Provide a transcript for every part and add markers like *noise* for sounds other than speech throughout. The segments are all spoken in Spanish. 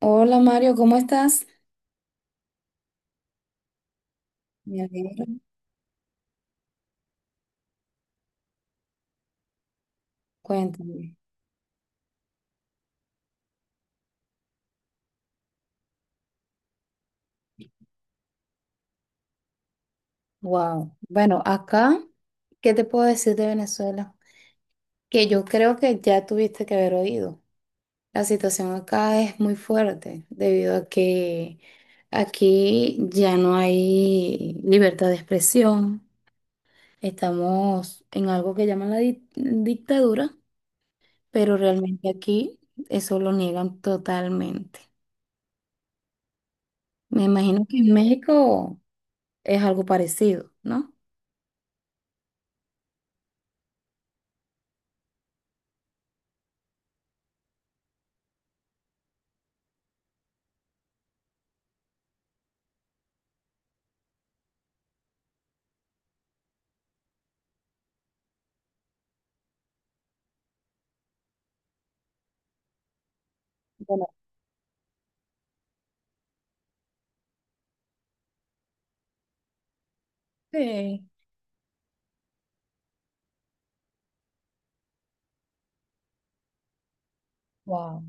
Hola Mario, ¿cómo estás? Me alegro. Cuéntame. Wow. Bueno, acá, ¿qué te puedo decir de Venezuela? Que yo creo que ya tuviste que haber oído. La situación acá es muy fuerte debido a que aquí ya no hay libertad de expresión. Estamos en algo que llaman la dictadura, pero realmente aquí eso lo niegan totalmente. Me imagino que en México es algo parecido, ¿no? Sí, wow,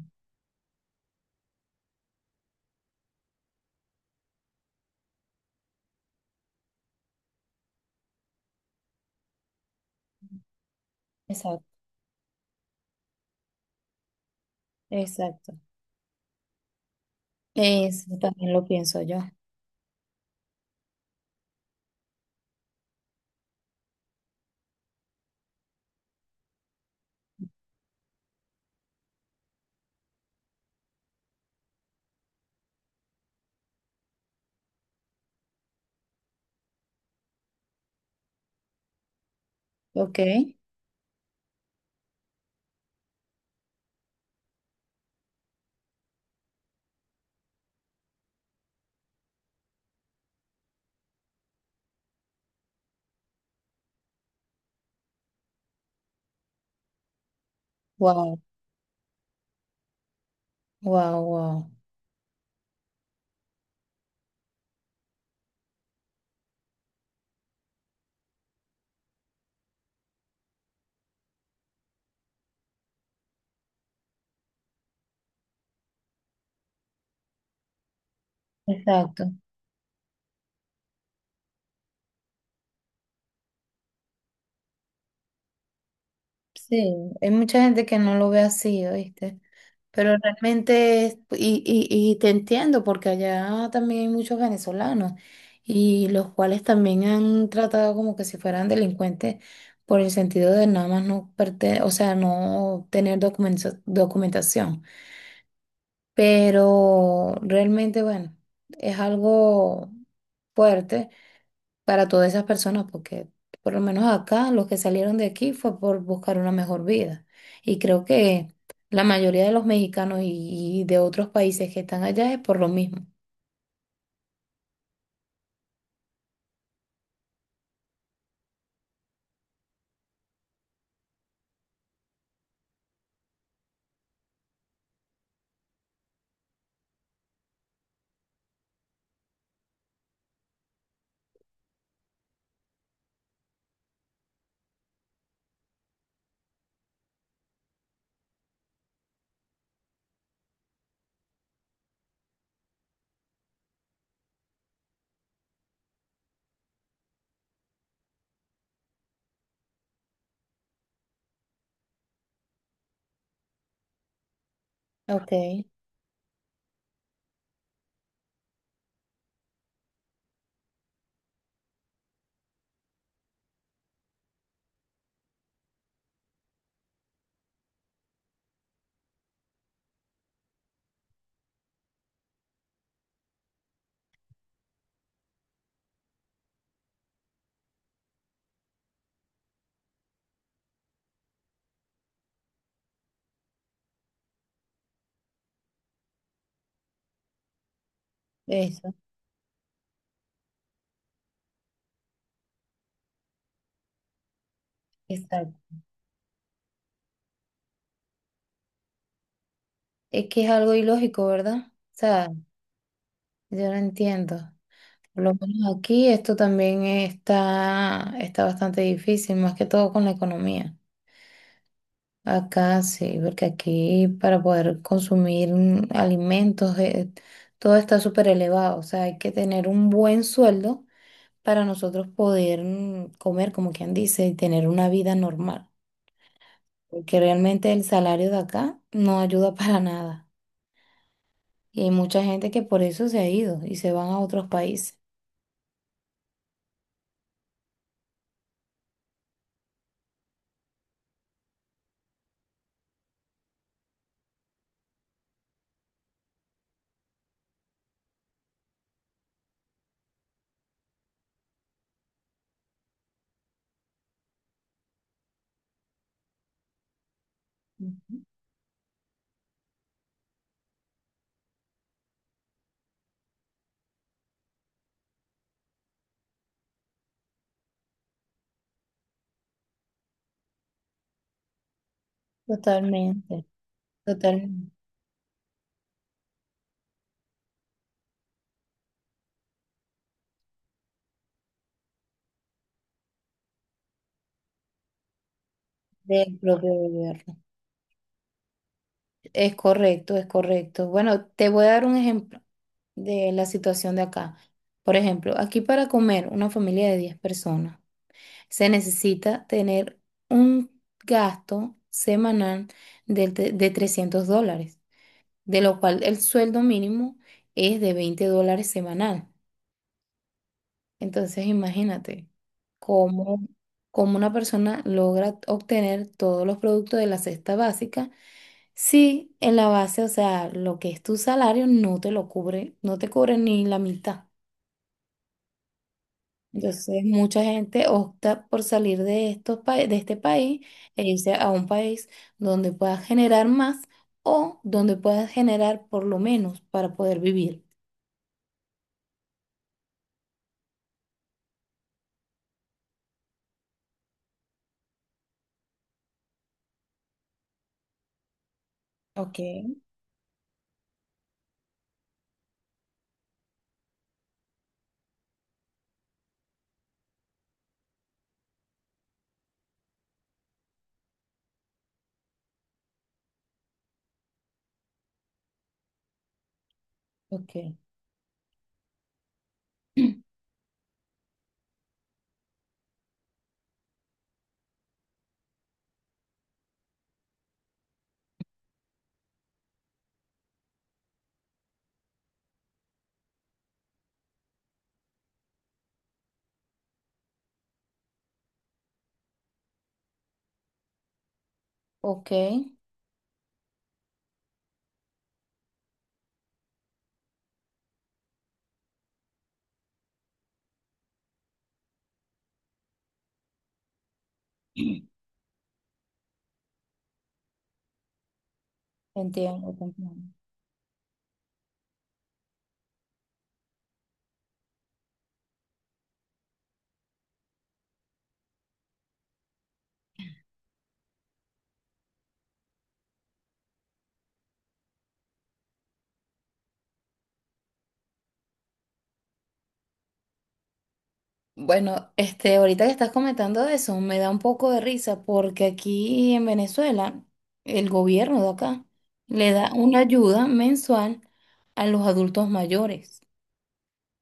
exacto, exacto. Eso también lo pienso yo. Ok, wow, wow, wow. Exacto. Sí, hay mucha gente que no lo ve así, ¿oíste? Pero realmente, y te entiendo, porque allá también hay muchos venezolanos, y los cuales también han tratado como que si fueran delincuentes por el sentido de nada más no o sea, no tener documentación. Pero realmente, bueno, es algo fuerte para todas esas personas, porque por lo menos acá los que salieron de aquí fue por buscar una mejor vida. Y creo que la mayoría de los mexicanos y de otros países que están allá es por lo mismo. Ok, eso. Exacto. Es que es algo ilógico, ¿verdad? O sea, yo no entiendo. Por lo menos aquí esto también está, está bastante difícil, más que todo con la economía. Acá sí, porque aquí para poder consumir alimentos, todo está súper elevado. O sea, hay que tener un buen sueldo para nosotros poder comer, como quien dice, y tener una vida normal. Porque realmente el salario de acá no ayuda *laughs* para nada. Y hay mucha gente que por eso se ha ido y se van a otros países. Ujú. Totalmente, totalmente, del propio gobierno. Es correcto, es correcto. Bueno, te voy a dar un ejemplo de la situación de acá. Por ejemplo, aquí para comer una familia de 10 personas se necesita tener un gasto semanal de $300, de lo cual el sueldo mínimo es de $20 semanal. Entonces, imagínate cómo, cómo una persona logra obtener todos los productos de la cesta básica. Sí, en la base, o sea, lo que es tu salario no te lo cubre, no te cubre ni la mitad. Entonces, mucha gente opta por salir de de este país e irse a un país donde puedas generar más o donde puedas generar por lo menos para poder vivir. Ok, ok, *clears throat* Ok, entiendo. Comprendo. Bueno, ahorita que estás comentando eso, me da un poco de risa porque aquí en Venezuela, el gobierno de acá le da una ayuda mensual a los adultos mayores,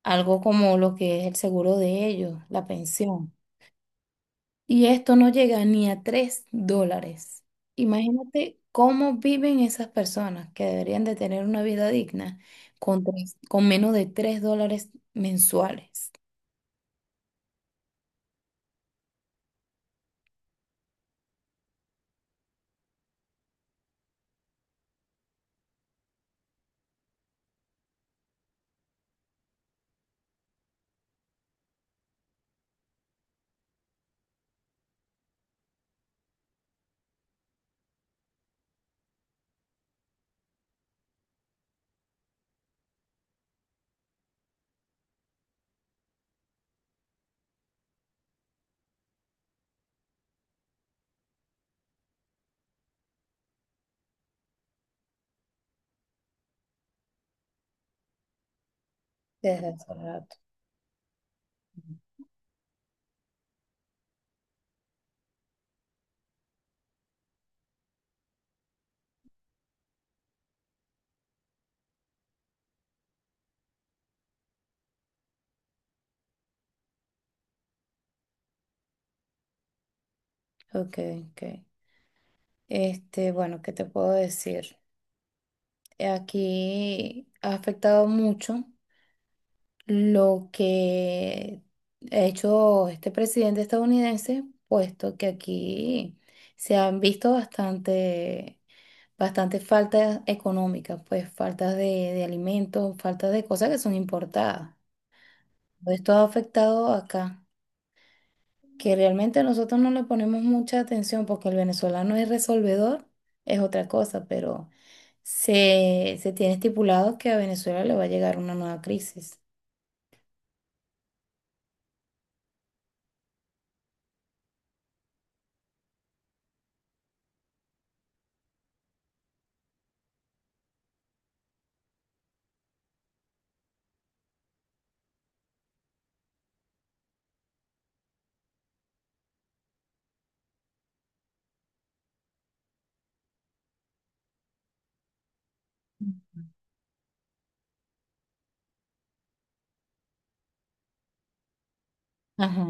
algo como lo que es el seguro de ellos, la pensión. Y esto no llega ni a $3. Imagínate cómo viven esas personas que deberían de tener una vida digna con, con menos de $3 mensuales. Desde hace rato. Ok, ok. Bueno, ¿qué te puedo decir? Aquí ha afectado mucho lo que ha hecho este presidente estadounidense, puesto que aquí se han visto bastante, bastante faltas económicas, pues faltas de alimentos, faltas de cosas que son importadas. Esto ha afectado acá, que realmente nosotros no le ponemos mucha atención porque el venezolano es resolvedor, es otra cosa, pero se tiene estipulado que a Venezuela le va a llegar una nueva crisis. Ajá.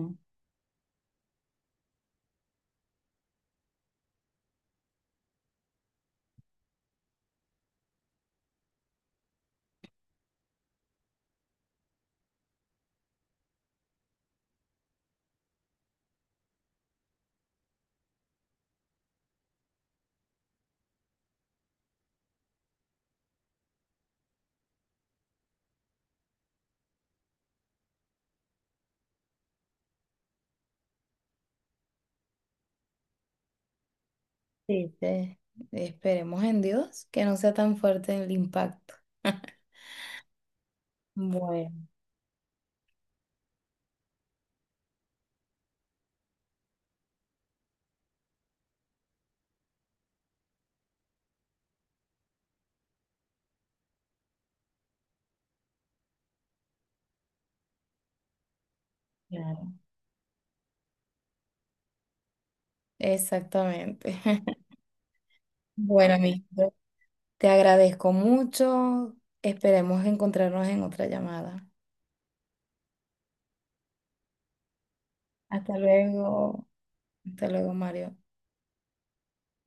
Sí. Esperemos en Dios que no sea tan fuerte el impacto. *laughs* Bueno, claro. Exactamente. *laughs* Bueno, amigo, te agradezco mucho. Esperemos encontrarnos en otra llamada. Hasta luego. Hasta luego, Mario.